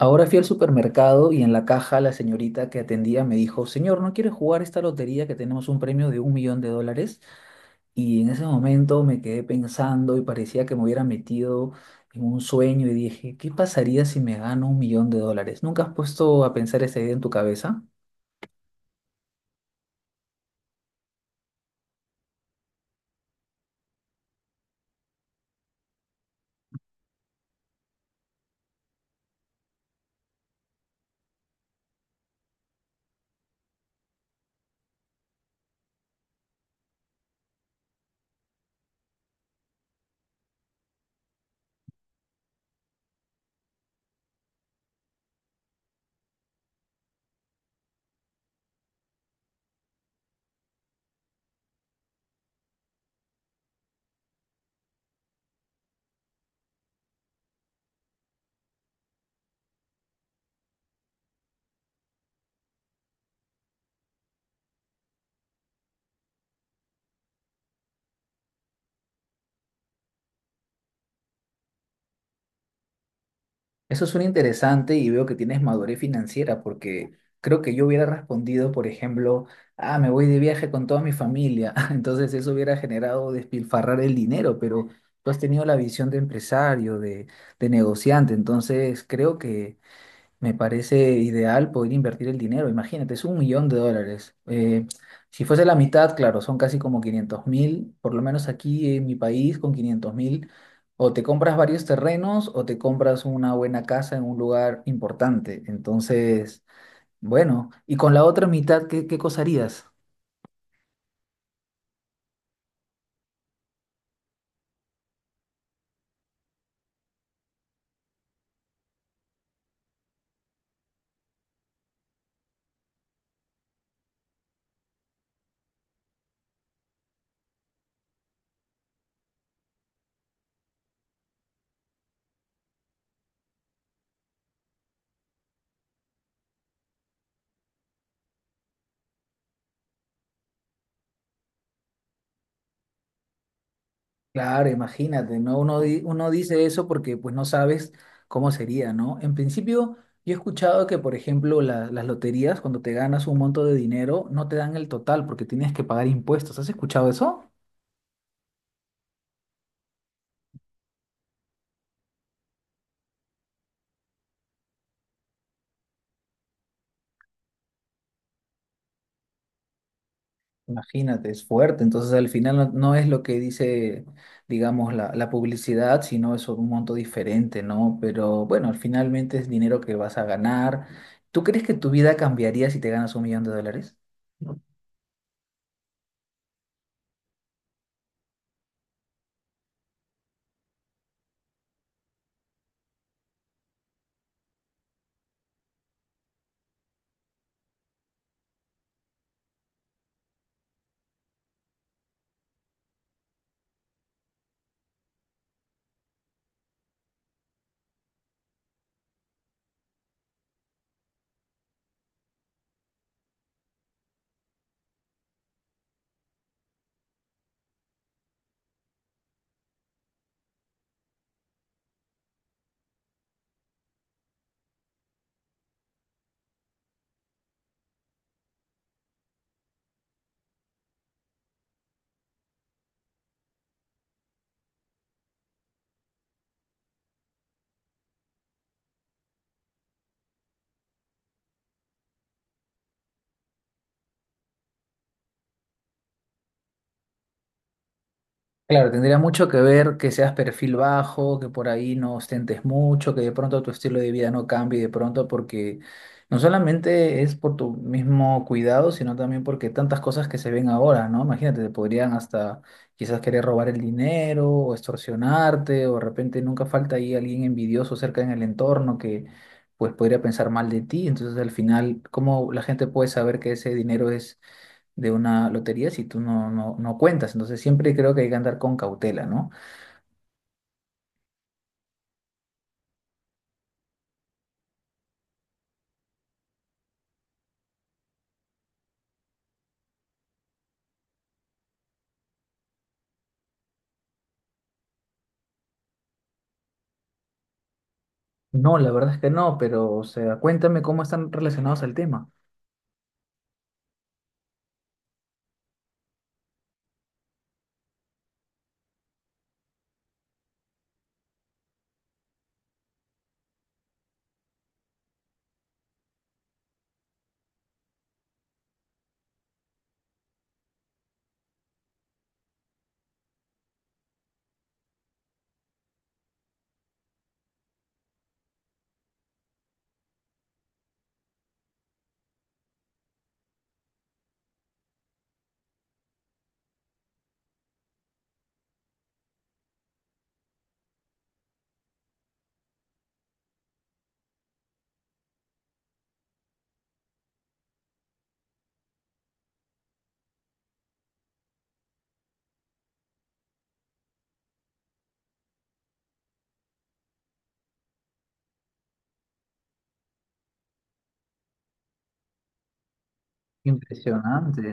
Ahora fui al supermercado y en la caja la señorita que atendía me dijo, señor, ¿no quiere jugar esta lotería que tenemos un premio de un millón de dólares? Y en ese momento me quedé pensando y parecía que me hubiera metido en un sueño y dije, ¿qué pasaría si me gano un millón de dólares? ¿Nunca has puesto a pensar esa idea en tu cabeza? Eso suena interesante y veo que tienes madurez financiera porque creo que yo hubiera respondido, por ejemplo, ah, me voy de viaje con toda mi familia. Entonces eso hubiera generado despilfarrar el dinero, pero tú has tenido la visión de empresario, de negociante. Entonces creo que me parece ideal poder invertir el dinero. Imagínate, es un millón de dólares. Si fuese la mitad, claro, son casi como 500 mil, por lo menos aquí en mi país, con 500 mil, o te compras varios terrenos o te compras una buena casa en un lugar importante. Entonces, bueno, y con la otra mitad, ¿qué cosa harías? Claro, imagínate, ¿no? Uno, uno dice eso porque pues no sabes cómo sería, ¿no? En principio, yo he escuchado que, por ejemplo, las loterías, cuando te ganas un monto de dinero, no te dan el total porque tienes que pagar impuestos. ¿Has escuchado eso? Imagínate, es fuerte. Entonces, al final no, no es lo que dice, digamos, la publicidad, sino es un monto diferente, ¿no? Pero bueno, finalmente es dinero que vas a ganar. ¿Tú crees que tu vida cambiaría si te ganas un millón de dólares? Claro, tendría mucho que ver que seas perfil bajo, que por ahí no ostentes mucho, que de pronto tu estilo de vida no cambie de pronto porque no solamente es por tu mismo cuidado, sino también porque tantas cosas que se ven ahora, ¿no? Imagínate, te podrían hasta quizás querer robar el dinero o extorsionarte o de repente nunca falta ahí alguien envidioso cerca en el entorno que pues podría pensar mal de ti. Entonces al final, ¿cómo la gente puede saber que ese dinero es de una lotería si tú no cuentas? Entonces siempre creo que hay que andar con cautela, ¿no? No, la verdad es que no, pero o sea, cuéntame cómo están relacionados al tema. Impresionante.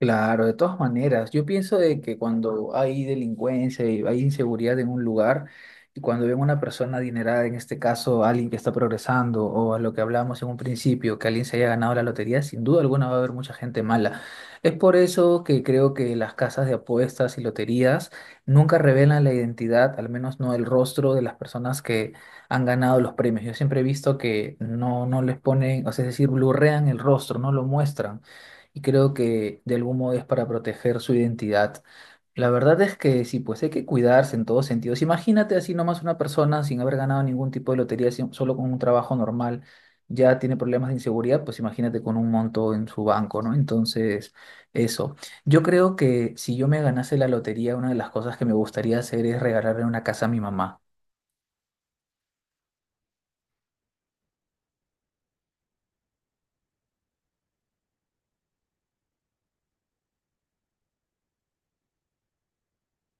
Claro, de todas maneras, yo pienso de que cuando hay delincuencia y hay inseguridad en un lugar, y cuando ven una persona adinerada, en este caso alguien que está progresando, o a lo que hablábamos en un principio, que alguien se haya ganado la lotería, sin duda alguna va a haber mucha gente mala. Es por eso que creo que las casas de apuestas y loterías nunca revelan la identidad, al menos no el rostro de las personas que han ganado los premios. Yo siempre he visto que no les ponen, o sea, es decir, blurrean el rostro, no lo muestran y creo que de algún modo es para proteger su identidad. La verdad es que sí, pues hay que cuidarse en todos sentidos. Imagínate así nomás una persona sin haber ganado ningún tipo de lotería, solo con un trabajo normal, ya tiene problemas de inseguridad, pues imagínate con un monto en su banco, ¿no? Entonces, eso. Yo creo que si yo me ganase la lotería, una de las cosas que me gustaría hacer es regalarle una casa a mi mamá.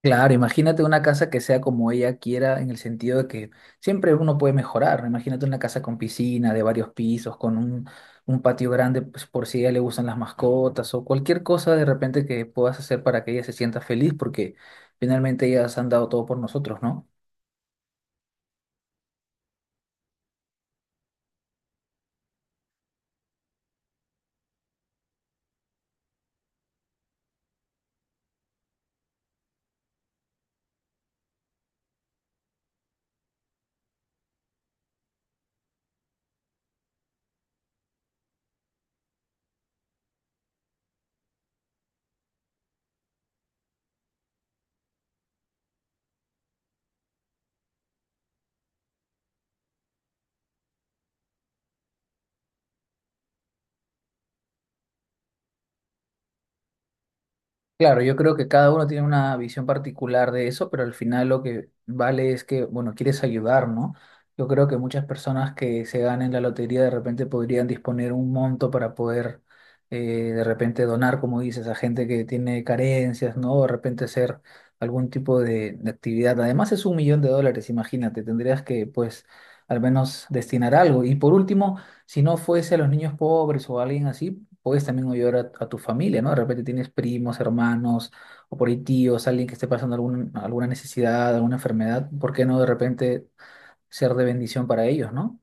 Claro, imagínate una casa que sea como ella quiera, en el sentido de que siempre uno puede mejorar, ¿no? Imagínate una casa con piscina, de varios pisos, un patio grande, pues, por si a ella le gustan las mascotas o cualquier cosa de repente que puedas hacer para que ella se sienta feliz, porque finalmente ellas han dado todo por nosotros, ¿no? Claro, yo creo que cada uno tiene una visión particular de eso, pero al final lo que vale es que, bueno, quieres ayudar, ¿no? Yo creo que muchas personas que se ganen la lotería de repente podrían disponer un monto para poder eh, de repente donar, como dices, a gente que tiene carencias, ¿no? O de repente hacer algún tipo de actividad. Además es un millón de dólares, imagínate, tendrías que, pues, al menos destinar algo. Y por último, si no fuese a los niños pobres o a alguien así, puedes también ayudar a tu familia, ¿no? De repente tienes primos, hermanos, o por ahí tíos, alguien que esté pasando alguna necesidad, alguna enfermedad, ¿por qué no de repente ser de bendición para ellos, ¿no?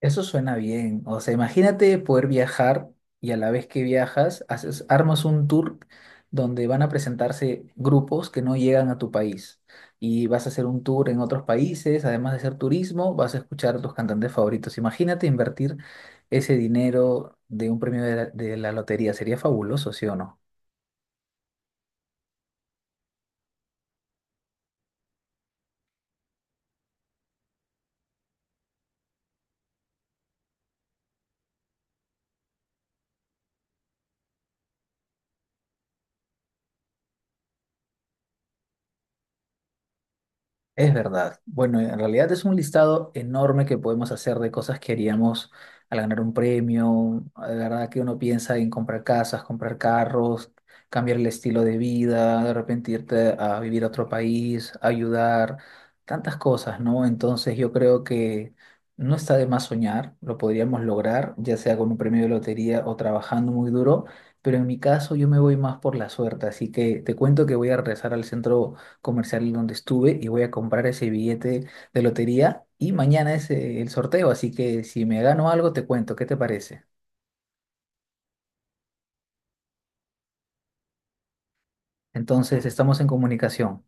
Eso suena bien. O sea, imagínate poder viajar y a la vez que viajas, haces, armas un tour donde van a presentarse grupos que no llegan a tu país. Y vas a hacer un tour en otros países, además de hacer turismo, vas a escuchar a tus cantantes favoritos. Imagínate invertir ese dinero de un premio de la lotería. Sería fabuloso, ¿sí o no? Es verdad. Bueno, en realidad es un listado enorme que podemos hacer de cosas que haríamos al ganar un premio. De verdad que uno piensa en comprar casas, comprar carros, cambiar el estilo de vida, de repente irte a vivir a otro país, ayudar, tantas cosas, ¿no? Entonces yo creo que no está de más soñar, lo podríamos lograr, ya sea con un premio de lotería o trabajando muy duro, pero en mi caso yo me voy más por la suerte, así que te cuento que voy a regresar al centro comercial donde estuve y voy a comprar ese billete de lotería y mañana es el sorteo, así que si me gano algo te cuento, ¿qué te parece? Entonces estamos en comunicación.